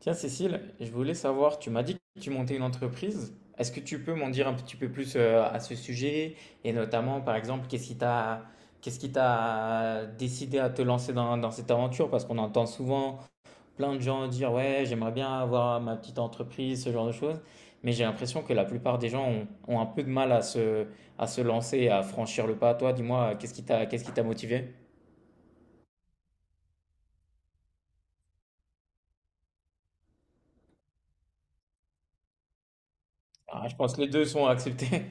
Tiens, Cécile, je voulais savoir, tu m'as dit que tu montais une entreprise. Est-ce que tu peux m'en dire un petit peu plus à ce sujet? Et notamment, par exemple, qu'est-ce qui t'a décidé à te lancer dans cette aventure? Parce qu'on entend souvent plein de gens dire, ouais, j'aimerais bien avoir ma petite entreprise, ce genre de choses. Mais j'ai l'impression que la plupart des gens ont un peu de mal à à se lancer, à franchir le pas. Toi, dis-moi, qu'est-ce qui t'a motivé? Ah, je pense que les deux sont acceptés.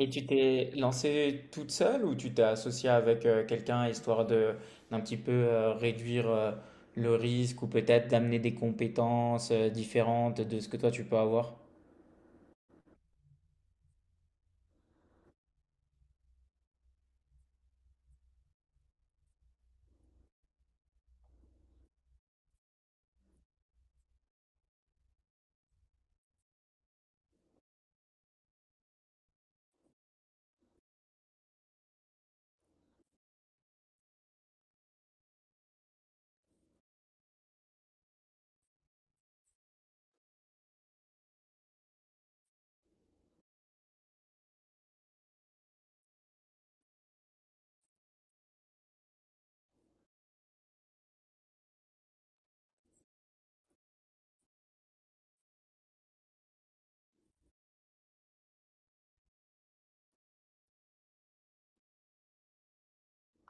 Et tu t'es lancée toute seule ou tu t'es associée avec quelqu'un histoire de d'un petit peu réduire le risque ou peut-être d'amener des compétences différentes de ce que toi tu peux avoir?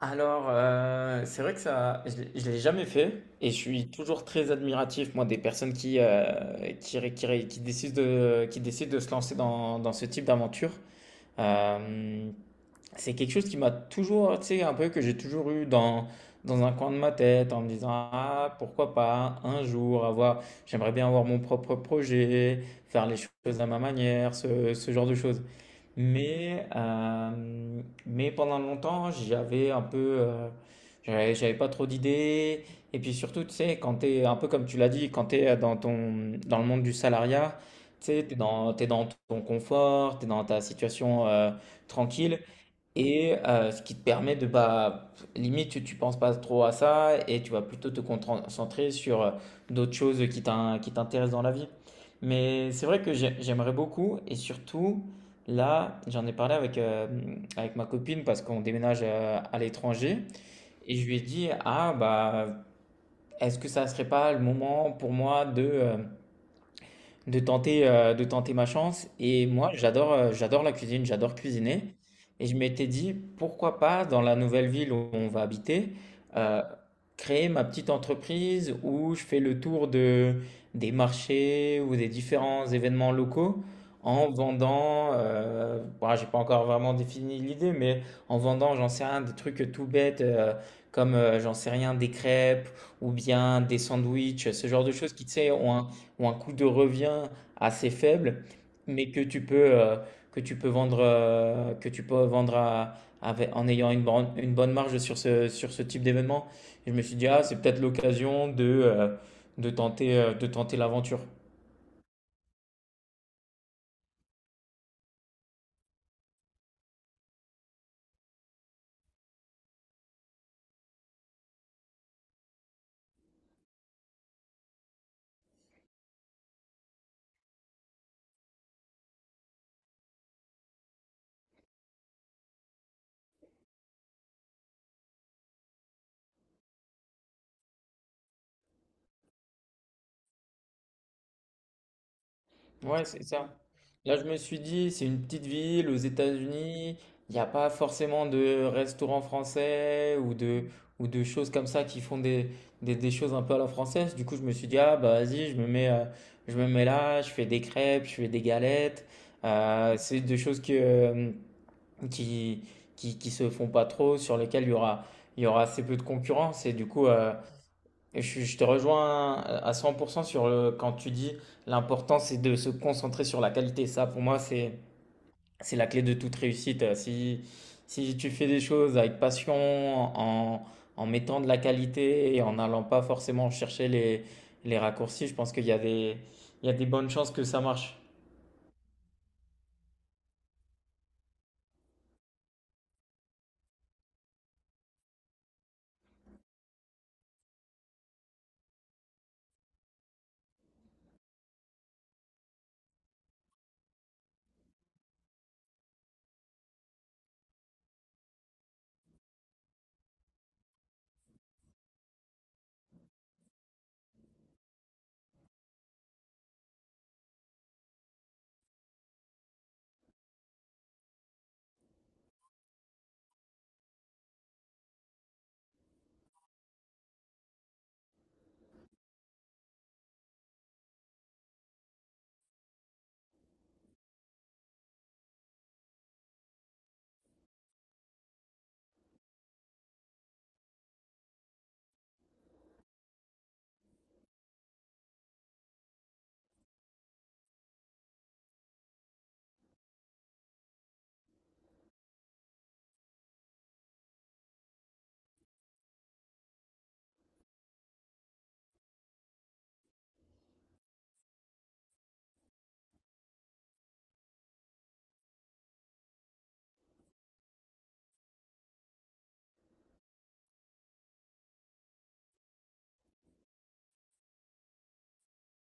Alors, c'est vrai que ça, je l'ai jamais fait et je suis toujours très admiratif, moi, des personnes qui, ré- qui, ré- qui décident de se lancer dans ce type d'aventure. Euh, c'est quelque chose qui m'a toujours, tu sais, un peu que j'ai toujours eu dans un coin de ma tête en me disant, ah, pourquoi pas un jour avoir, j'aimerais bien avoir mon propre projet, faire les choses à ma manière, ce genre de choses. Mais mais pendant longtemps, j'avais un peu, j'avais j'avais pas trop d'idées. Et puis surtout, tu sais, quand t'es, un peu comme tu l'as dit, quand t'es dans le monde du salariat, tu sais, t'es dans ton confort, t'es dans ta situation, tranquille. Et ce qui te permet de, bah, limite, tu penses pas trop à ça et tu vas plutôt te concentrer sur d'autres choses qui t'intéressent dans la vie. Mais c'est vrai que j'aimerais beaucoup et surtout, là, j'en ai parlé avec ma copine parce qu'on déménage à l'étranger et je lui ai dit, ah, bah, est-ce que ça serait pas le moment pour moi de tenter ma chance. Et moi, j'adore la cuisine, j'adore cuisiner. Et je m'étais dit, pourquoi pas, dans la nouvelle ville où on va habiter, euh, créer ma petite entreprise où je fais le tour de, des marchés ou des différents événements locaux en vendant, bon, j'ai pas encore vraiment défini l'idée, mais en vendant, j'en sais rien, des trucs tout bêtes, comme j'en sais rien, des crêpes ou bien des sandwichs, ce genre de choses qui, tu sais, ont un ou un coût de revient assez faible, mais que tu peux vendre, que tu peux vendre en ayant une bonne marge sur ce type d'événement. Et je me suis dit, ah, c'est peut-être l'occasion de tenter l'aventure. Ouais, c'est ça. Là, je me suis dit, c'est une petite ville aux États-Unis, il n'y a pas forcément de restaurants français ou de choses comme ça qui font des choses un peu à la française. Du coup, je me suis dit, ah bah vas-y, je me mets là, je fais des crêpes, je fais des galettes. C'est des choses qui, qui se font pas trop, sur lesquelles il y aura assez peu de concurrence. Et du coup, et je je te rejoins à 100% sur le, quand tu dis l'important c'est de se concentrer sur la qualité. Ça, pour moi, c'est la clé de toute réussite. Si si tu fais des choses avec passion, en, en mettant de la qualité et en n'allant pas forcément chercher les raccourcis, je pense qu'il y a des, il y a des bonnes chances que ça marche.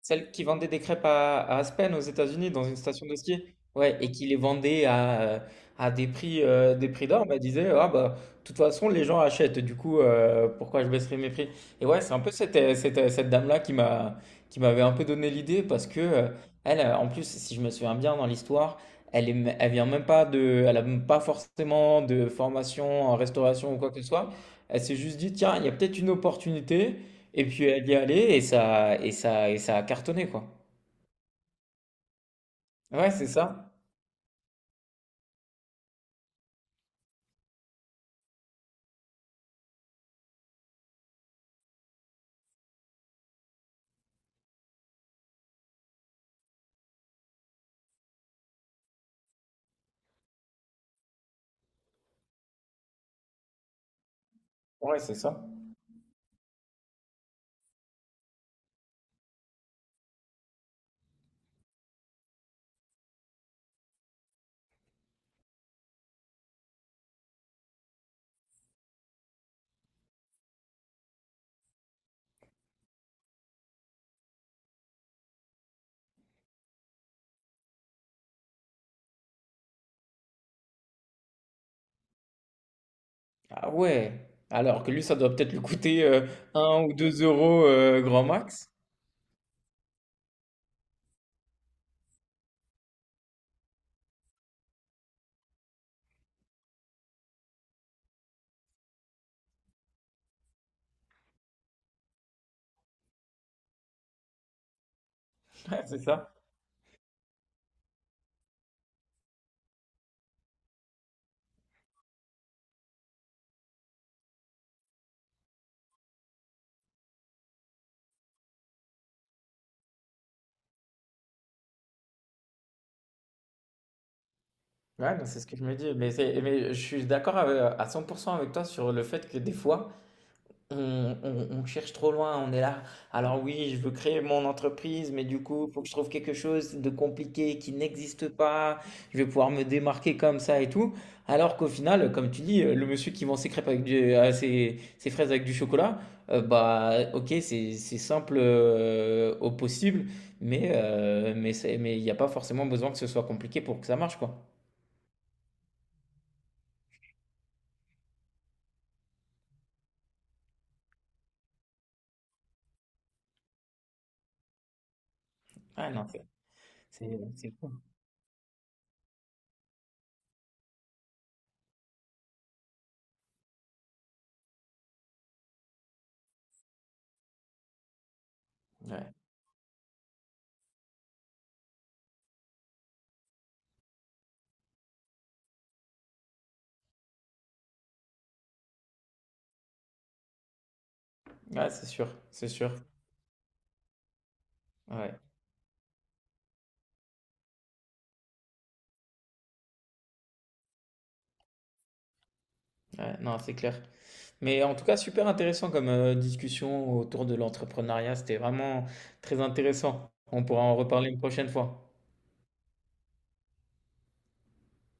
Celle qui vendait des crêpes à Aspen aux États-Unis dans une station de ski. Ouais, et qui les vendait à des prix d'or, bah, disait ah bah de toute façon les gens achètent, du coup pourquoi je baisserais mes prix? Et ouais, c'est un peu cette dame-là qui m'avait un peu donné l'idée parce que elle en plus si je me souviens bien dans l'histoire, elle a même pas forcément de formation en restauration ou quoi que ce soit. Elle s'est juste dit tiens, il y a peut-être une opportunité et puis elle y est allée et ça a cartonné, quoi. Ouais, c'est ça. Ouais, c'est ça. Ah ouais. Alors que lui, ça doit peut-être lui coûter un ou 2 euros grand max. Ouais, c'est ça. Ouais, non, c'est ce que je me dis. Mais, mais je suis d'accord à 100% avec toi sur le fait que des fois, on cherche trop loin, on est là. Alors oui, je veux créer mon entreprise, mais du coup, il faut que je trouve quelque chose de compliqué qui n'existe pas. Je vais pouvoir me démarquer comme ça et tout. Alors qu'au final, comme tu dis, le monsieur qui vend ses crêpes avec ses fraises avec du chocolat, bah ok, c'est simple au possible, mais il n'y a pas forcément besoin que ce soit compliqué pour que ça marche, quoi. Ah non, c'est cool. Ouais, Ouais, c'est sûr, c'est sûr. Ouais, ouais, non, c'est clair. Mais en tout cas, super intéressant comme discussion autour de l'entrepreneuriat. C'était vraiment très intéressant. On pourra en reparler une prochaine fois.